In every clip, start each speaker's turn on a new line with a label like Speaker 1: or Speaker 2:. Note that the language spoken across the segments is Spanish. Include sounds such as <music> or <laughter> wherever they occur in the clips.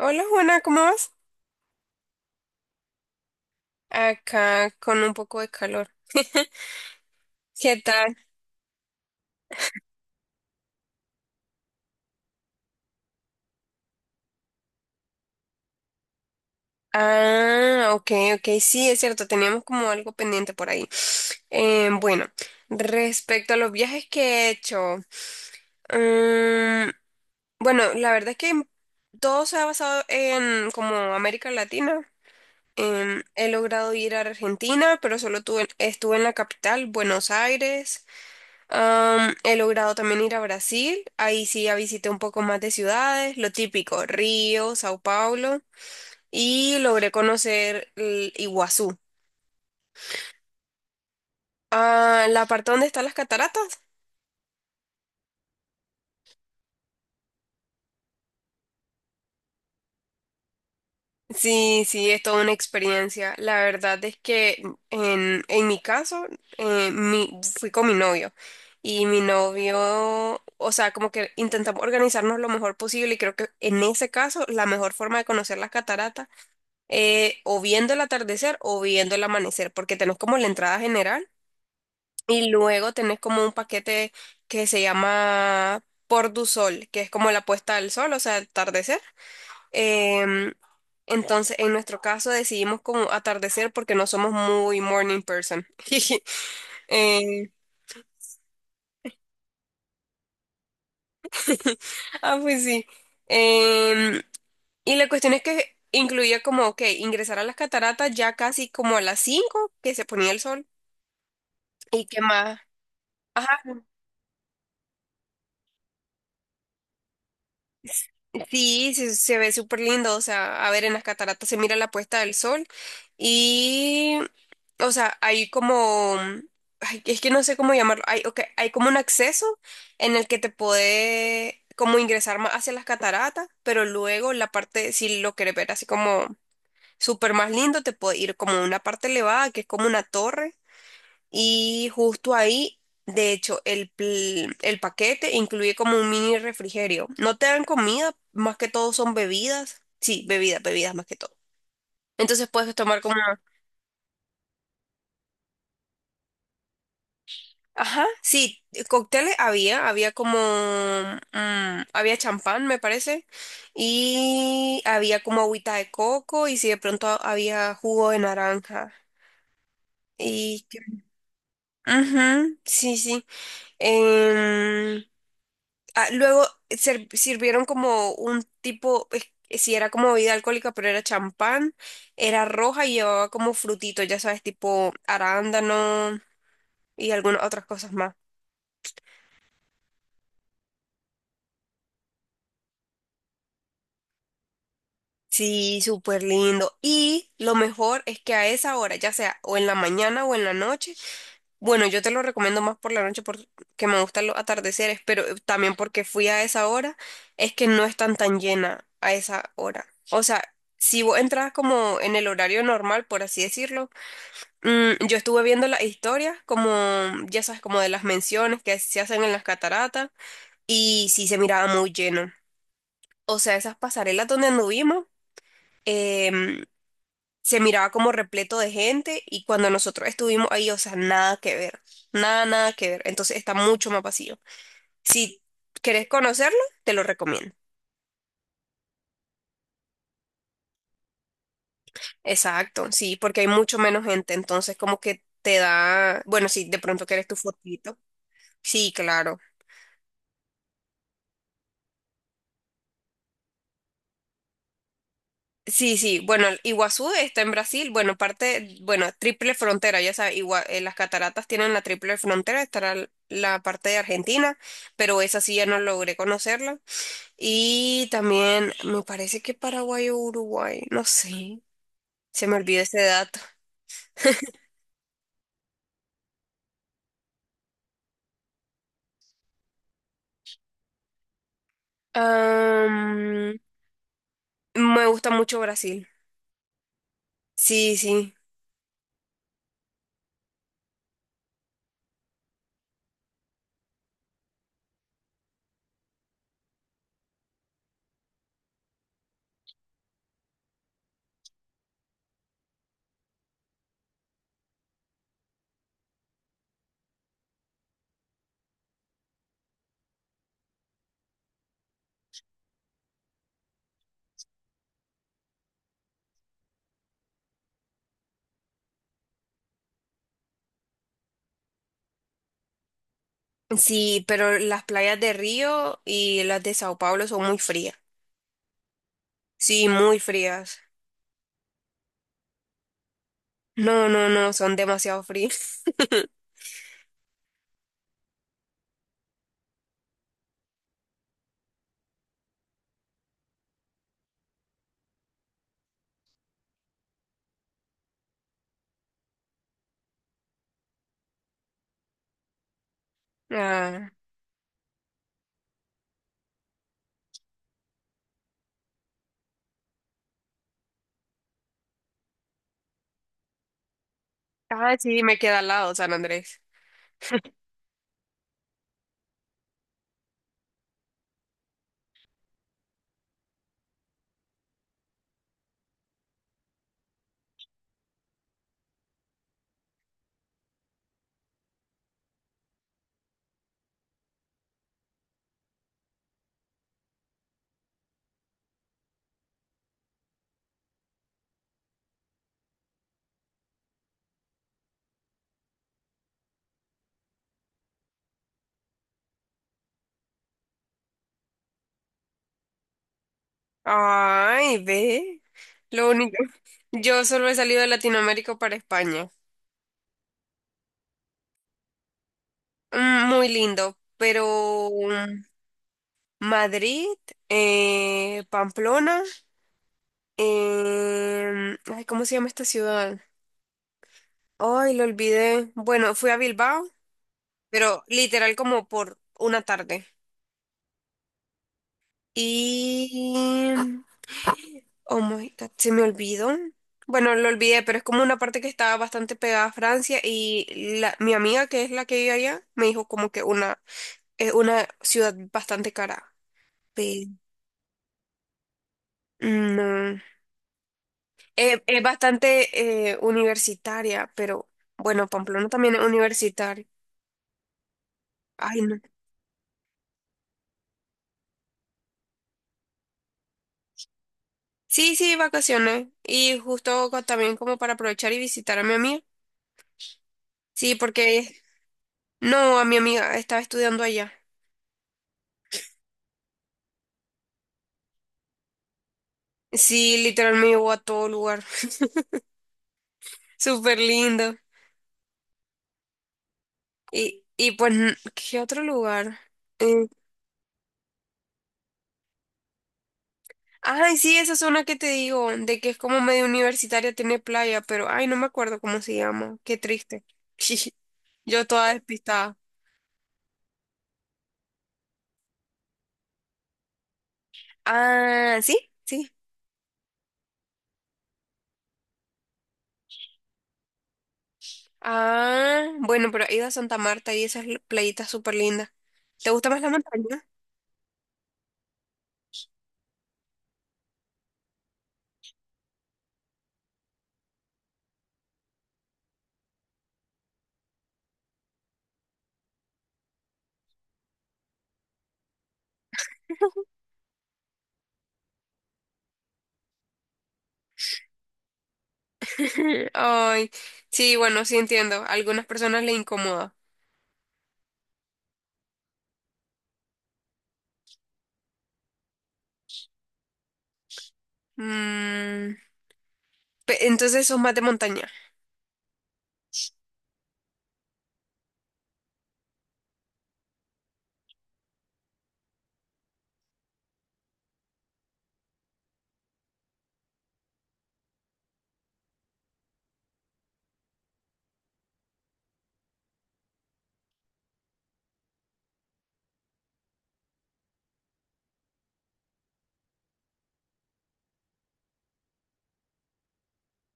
Speaker 1: Hola Juana, ¿cómo vas? Acá con un poco de calor. <laughs> ¿Qué tal? Ah, ok, ok, sí, es cierto, teníamos como algo pendiente por ahí. Bueno, respecto a los viajes que he hecho, mm, bueno, la verdad es que todo se ha basado en como América Latina. He logrado ir a Argentina, pero estuve en la capital, Buenos Aires. He logrado también ir a Brasil, ahí sí ya visité un poco más de ciudades, lo típico, Río, Sao Paulo, y logré conocer el Iguazú. Ah, la parte donde están las cataratas. Sí, sí, es toda una experiencia. La verdad es que en mi caso, eh, mi- fui con mi novio y mi novio, o sea, como que intentamos organizarnos lo mejor posible y creo que en ese caso la mejor forma de conocer las cataratas o viendo el atardecer o viendo el amanecer, porque tenés como la entrada general y luego tenés como un paquete que se llama Por du Sol, que es como la puesta del sol, o sea, el atardecer. Em, entonces, en nuestro caso decidimos como atardecer porque no somos muy morning person. <laughs> Eh, ah, pues sí. Em, y la cuestión es que incluía como, ok, ingresar a las cataratas ya casi como a las 5 que se ponía el sol. ¿Y qué más? Ajá. Sí, se ve súper lindo, o sea, a ver, en las cataratas se mira la puesta del sol y, o sea, hay como, ay, es que no sé cómo llamarlo, hay, ok, hay como un acceso en el que te puede como ingresar más hacia las cataratas, pero luego la parte, si lo querés ver así como súper más lindo, te puede ir como una parte elevada, que es como una torre. Y justo ahí, de hecho, el paquete incluye como un mini refrigerio. No te dan comida, más que todo son bebidas. Sí, bebidas, bebidas más que todo. Entonces puedes tomar como... Ajá, sí, cócteles había, había como... había champán, me parece. Y había como agüita de coco y si de pronto había jugo de naranja. Y... ujú, sí, sí. Em, Ah, sirvieron como un tipo, si era como bebida alcohólica, pero era champán, era roja y llevaba como frutitos, ya sabes, tipo arándano y algunas otras cosas más. Sí, súper lindo. Y lo mejor es que a esa hora, ya sea o en la mañana o en la noche, bueno, yo te lo recomiendo más por la noche porque me gustan los atardeceres, pero también porque fui a esa hora, es que no están tan llena a esa hora. O sea, si vos entras como en el horario normal, por así decirlo, yo estuve viendo las historias, como, ya sabes, como de las menciones que se hacen en las cataratas, y sí se miraba muy lleno. O sea, esas pasarelas donde anduvimos. em, Se miraba como repleto de gente y cuando nosotros estuvimos ahí, o sea, nada que ver, nada que ver. Entonces está mucho más vacío. Si querés conocerlo, te lo recomiendo. Exacto, sí, porque hay mucho menos gente, entonces como que te da, bueno, si de pronto querés tu fotito. Sí, claro. Sí, sí, bueno, el Iguazú está en Brasil, bueno, parte, bueno, triple frontera, ya sabes, las cataratas tienen la triple frontera, estará la parte de Argentina, pero esa sí ya no logré conocerla. Y también me parece que Paraguay o Uruguay, no sé, se me olvidó ese dato. Am, Me gusta mucho Brasil. Sí, sí, sí, pero las playas de Río y las de Sao Paulo son muy frías. Sí, muy frías. No, no, no, son demasiado frías. <laughs> Ah, ah, sí, me queda al lado San Andrés. Ay, ve. Lo único. <laughs> Yo solo he salido de Latinoamérica para España. Muy lindo, pero Madrid, Pamplona, ay, ¿cómo se llama esta ciudad? Ay, lo olvidé. Bueno, fui a Bilbao, pero literal como por una tarde. Y... Oh my God, se me olvidó. Bueno, lo olvidé, pero es como una parte que estaba bastante pegada a Francia y mi amiga, que es la que vive allá, me dijo como que una, es una ciudad bastante cara. Pero, no. Es bastante universitaria, pero bueno, Pamplona también es universitaria. Ay, no. Sí, sí, vacaciones. Y justo también como para aprovechar y visitar a mi amiga. Sí, porque no, a mi amiga estaba estudiando allá. Sí, literal me llevó a todo lugar. <laughs> Súper lindo. Y pues, ¿qué otro lugar? Eh, Ay, sí, esa zona que te digo, de que es como medio universitaria, tiene playa, pero ay, no me acuerdo cómo se llama. Qué triste. <laughs> Yo toda despistada. Ah, sí, sí. Ah, bueno, pero he ido a Santa Marta y esas playitas súper lindas. ¿Te gusta más la montaña? <laughs> Ay, sí, bueno, sí entiendo. A algunas personas le incomoda. Mm, entonces sos más de montaña.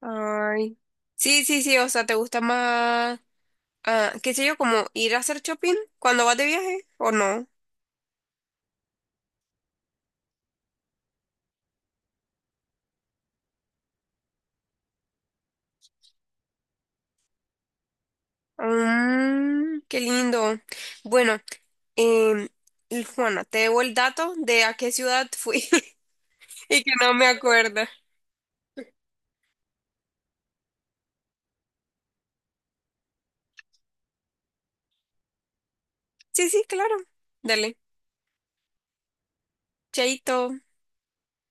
Speaker 1: Ay. Sí, sí, sí, o sea, ¿te gusta más, ah, qué sé yo, como ir a hacer shopping cuando vas de viaje o no? Mm, qué lindo. Bueno, em, y Juana, te debo el dato de a qué ciudad fui. <laughs> Y que no me acuerdo. Sí, sí, claro. Dale. Chaito.